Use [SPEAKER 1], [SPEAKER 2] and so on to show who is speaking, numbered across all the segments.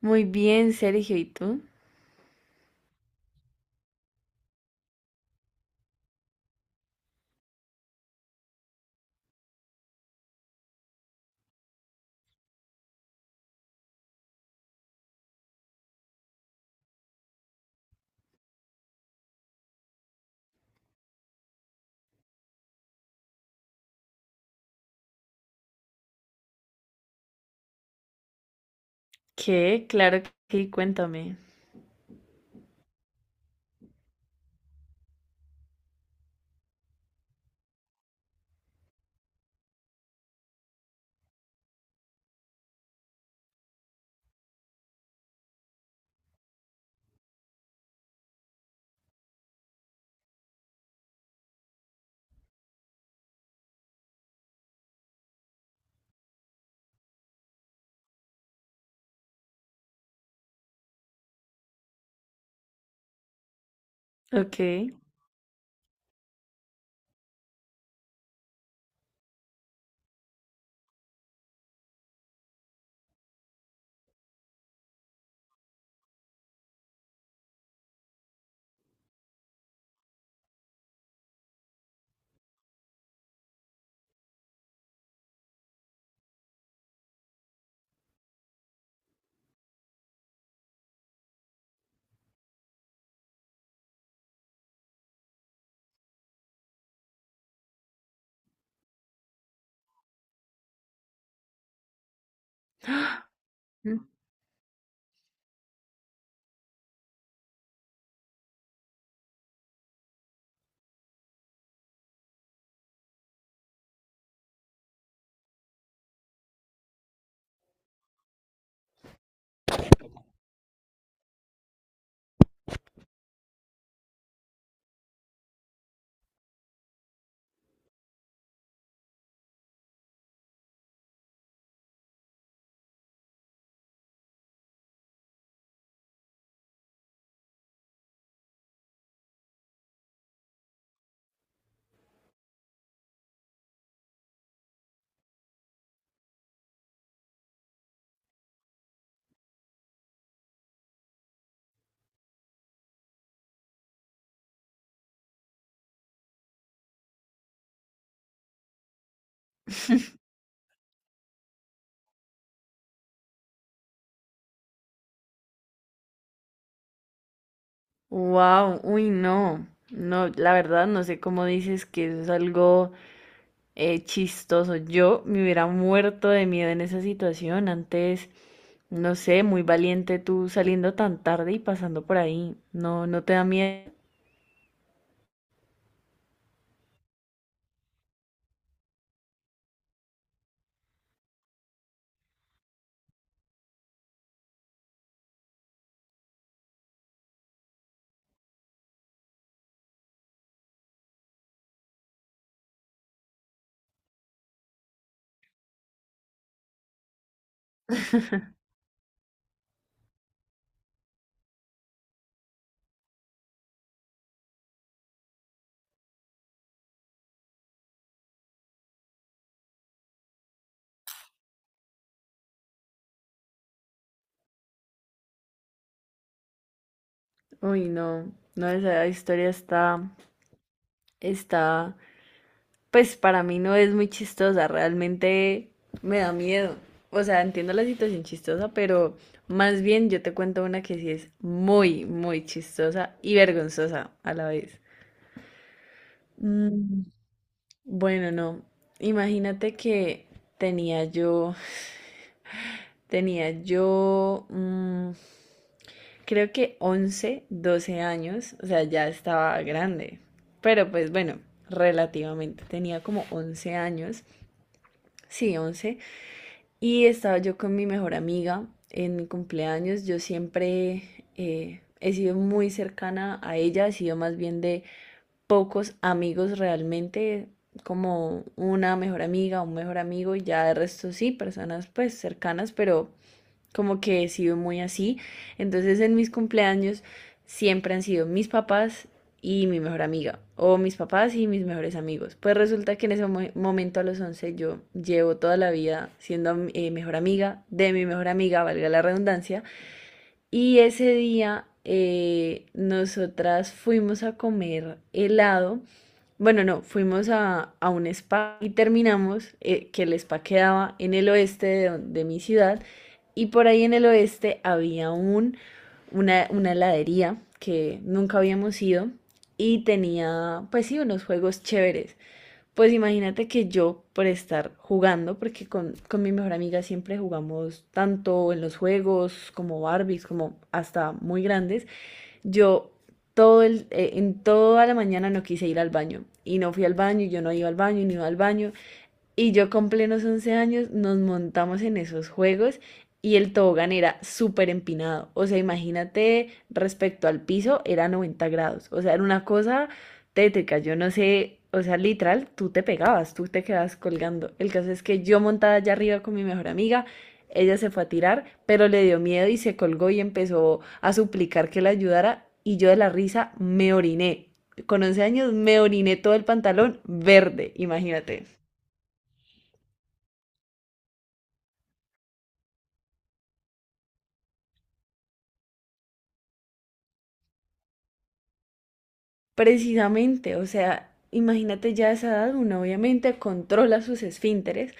[SPEAKER 1] Muy bien, Sergio, ¿y tú? ¿Qué? Claro que sí, cuéntame. Ok. Wow, uy, no. No, la verdad no sé cómo dices que eso es algo chistoso. Yo me hubiera muerto de miedo en esa situación. Antes, no sé, muy valiente tú saliendo tan tarde y pasando por ahí. No, no te da miedo. Uy, no. No, esa historia está pues para mí no es muy chistosa, realmente me da miedo. O sea, entiendo la situación chistosa, pero más bien yo te cuento una que sí es muy, muy chistosa y vergonzosa a la vez. Mm, bueno, no. Imagínate que tenía yo, tenía yo, creo que 11 12 años, o sea, ya estaba grande, pero pues bueno, relativamente, tenía como 11 años, sí, 11. Y estaba yo con mi mejor amiga en mi cumpleaños. Yo siempre he sido muy cercana a ella, he sido más bien de pocos amigos realmente, como una mejor amiga, un mejor amigo, y ya de resto sí, personas pues cercanas, pero como que he sido muy así. Entonces en mis cumpleaños siempre han sido mis papás y mi mejor amiga, o mis papás y mis mejores amigos. Pues resulta que en ese momento a los 11 yo llevo toda la vida siendo mejor amiga de mi mejor amiga, valga la redundancia, y ese día nosotras fuimos a comer helado. Bueno, no, fuimos a un spa y terminamos, que el spa quedaba en el oeste de mi ciudad. Y por ahí en el oeste había una heladería que nunca habíamos ido y tenía, pues sí, unos juegos chéveres. Pues imagínate que yo, por estar jugando, porque con mi mejor amiga siempre jugamos tanto en los juegos como Barbies, como hasta muy grandes, yo en toda la mañana no quise ir al baño. Y no fui al baño, y yo no iba al baño, y no iba al baño. Y yo con plenos 11 años nos montamos en esos juegos y el tobogán era súper empinado. O sea, imagínate respecto al piso, era 90 grados. O sea, era una cosa tétrica. Yo no sé, o sea, literal, tú te pegabas, tú te quedabas colgando. El caso es que yo montada allá arriba con mi mejor amiga, ella se fue a tirar, pero le dio miedo y se colgó y empezó a suplicar que la ayudara. Y yo de la risa me oriné. Con 11 años me oriné todo el pantalón verde, imagínate. Precisamente, o sea, imagínate ya a esa edad, uno obviamente controla sus esfínteres,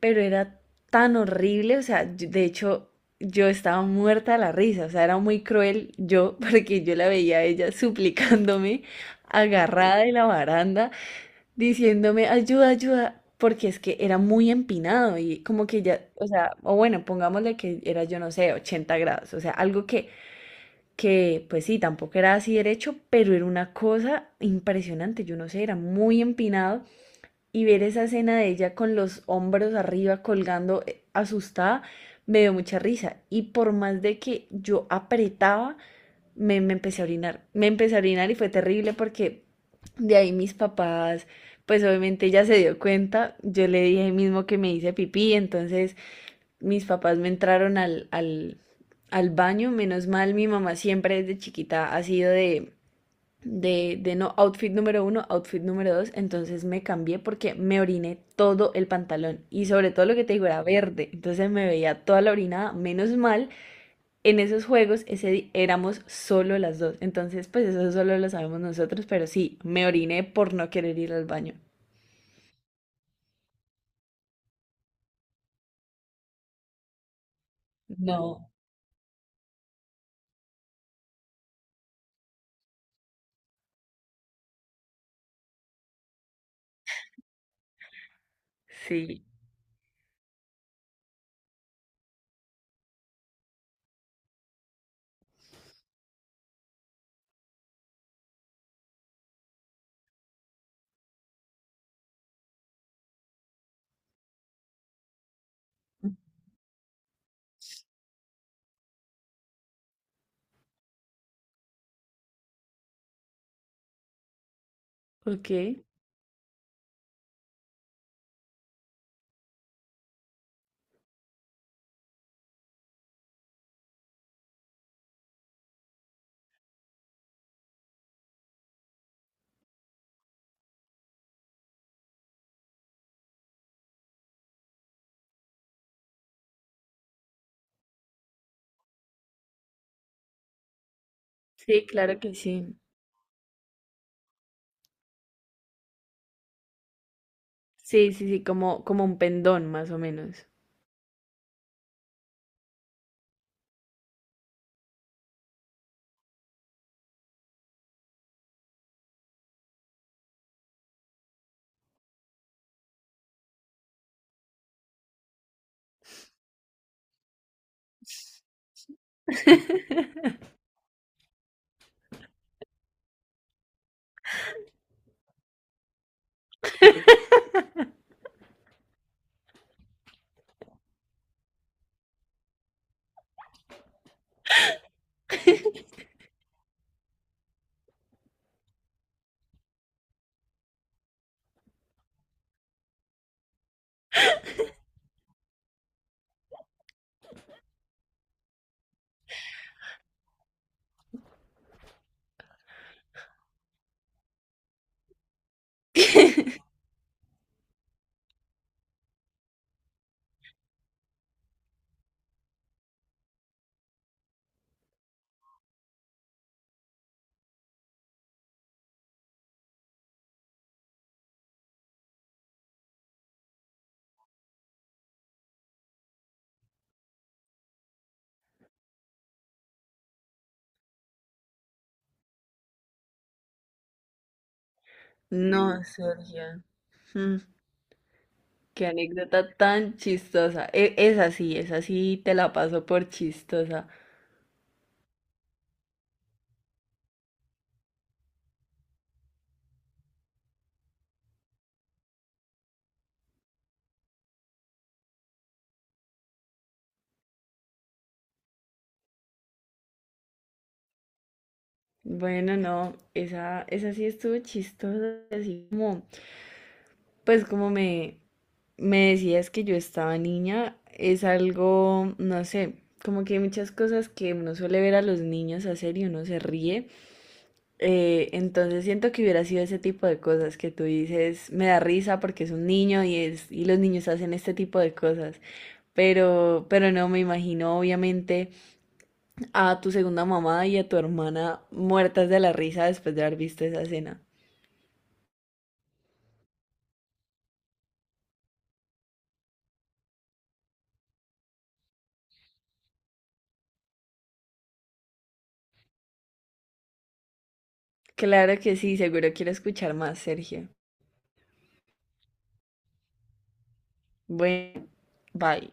[SPEAKER 1] pero era tan horrible, o sea, de hecho yo estaba muerta de la risa, o sea, era muy cruel yo, porque yo la veía a ella suplicándome, agarrada de la baranda, diciéndome, ayuda, ayuda, porque es que era muy empinado y como que ya, o sea, o bueno, pongámosle que era, yo no sé, 80 grados, o sea, algo que pues sí, tampoco era así derecho, pero era una cosa impresionante, yo no sé, era muy empinado y ver esa escena de ella con los hombros arriba colgando asustada me dio mucha risa y por más de que yo apretaba, me empecé a orinar, me empecé a orinar y fue terrible porque de ahí mis papás, pues obviamente ella se dio cuenta, yo le dije mismo que me hice pipí, entonces mis papás me entraron al baño, menos mal, mi mamá siempre desde chiquita ha sido de no outfit número uno, outfit número dos, entonces me cambié porque me oriné todo el pantalón y sobre todo lo que te digo era verde, entonces me veía toda la orinada, menos mal, en esos juegos ese éramos solo las dos, entonces pues eso solo lo sabemos nosotros, pero sí, me oriné por no querer ir al baño. No, sí, ok, sí, claro que sí. Sí, sí, sí, como un pendón, más o menos. No, Sergio. mm, qué anécdota tan chistosa. Esa sí, esa sí te la paso por chistosa. Bueno, no, esa sí estuvo chistosa, así como, pues como me decías que yo estaba niña, es algo, no sé, como que hay muchas cosas que uno suele ver a los niños hacer y uno se ríe. Entonces siento que hubiera sido ese tipo de cosas que tú dices, me da risa porque es un niño y y los niños hacen este tipo de cosas. Pero, no me imagino, obviamente, a tu segunda mamá y a tu hermana muertas de la risa después de haber visto esa escena. Claro que sí, seguro quiero escuchar más, Sergio. Bueno, bye.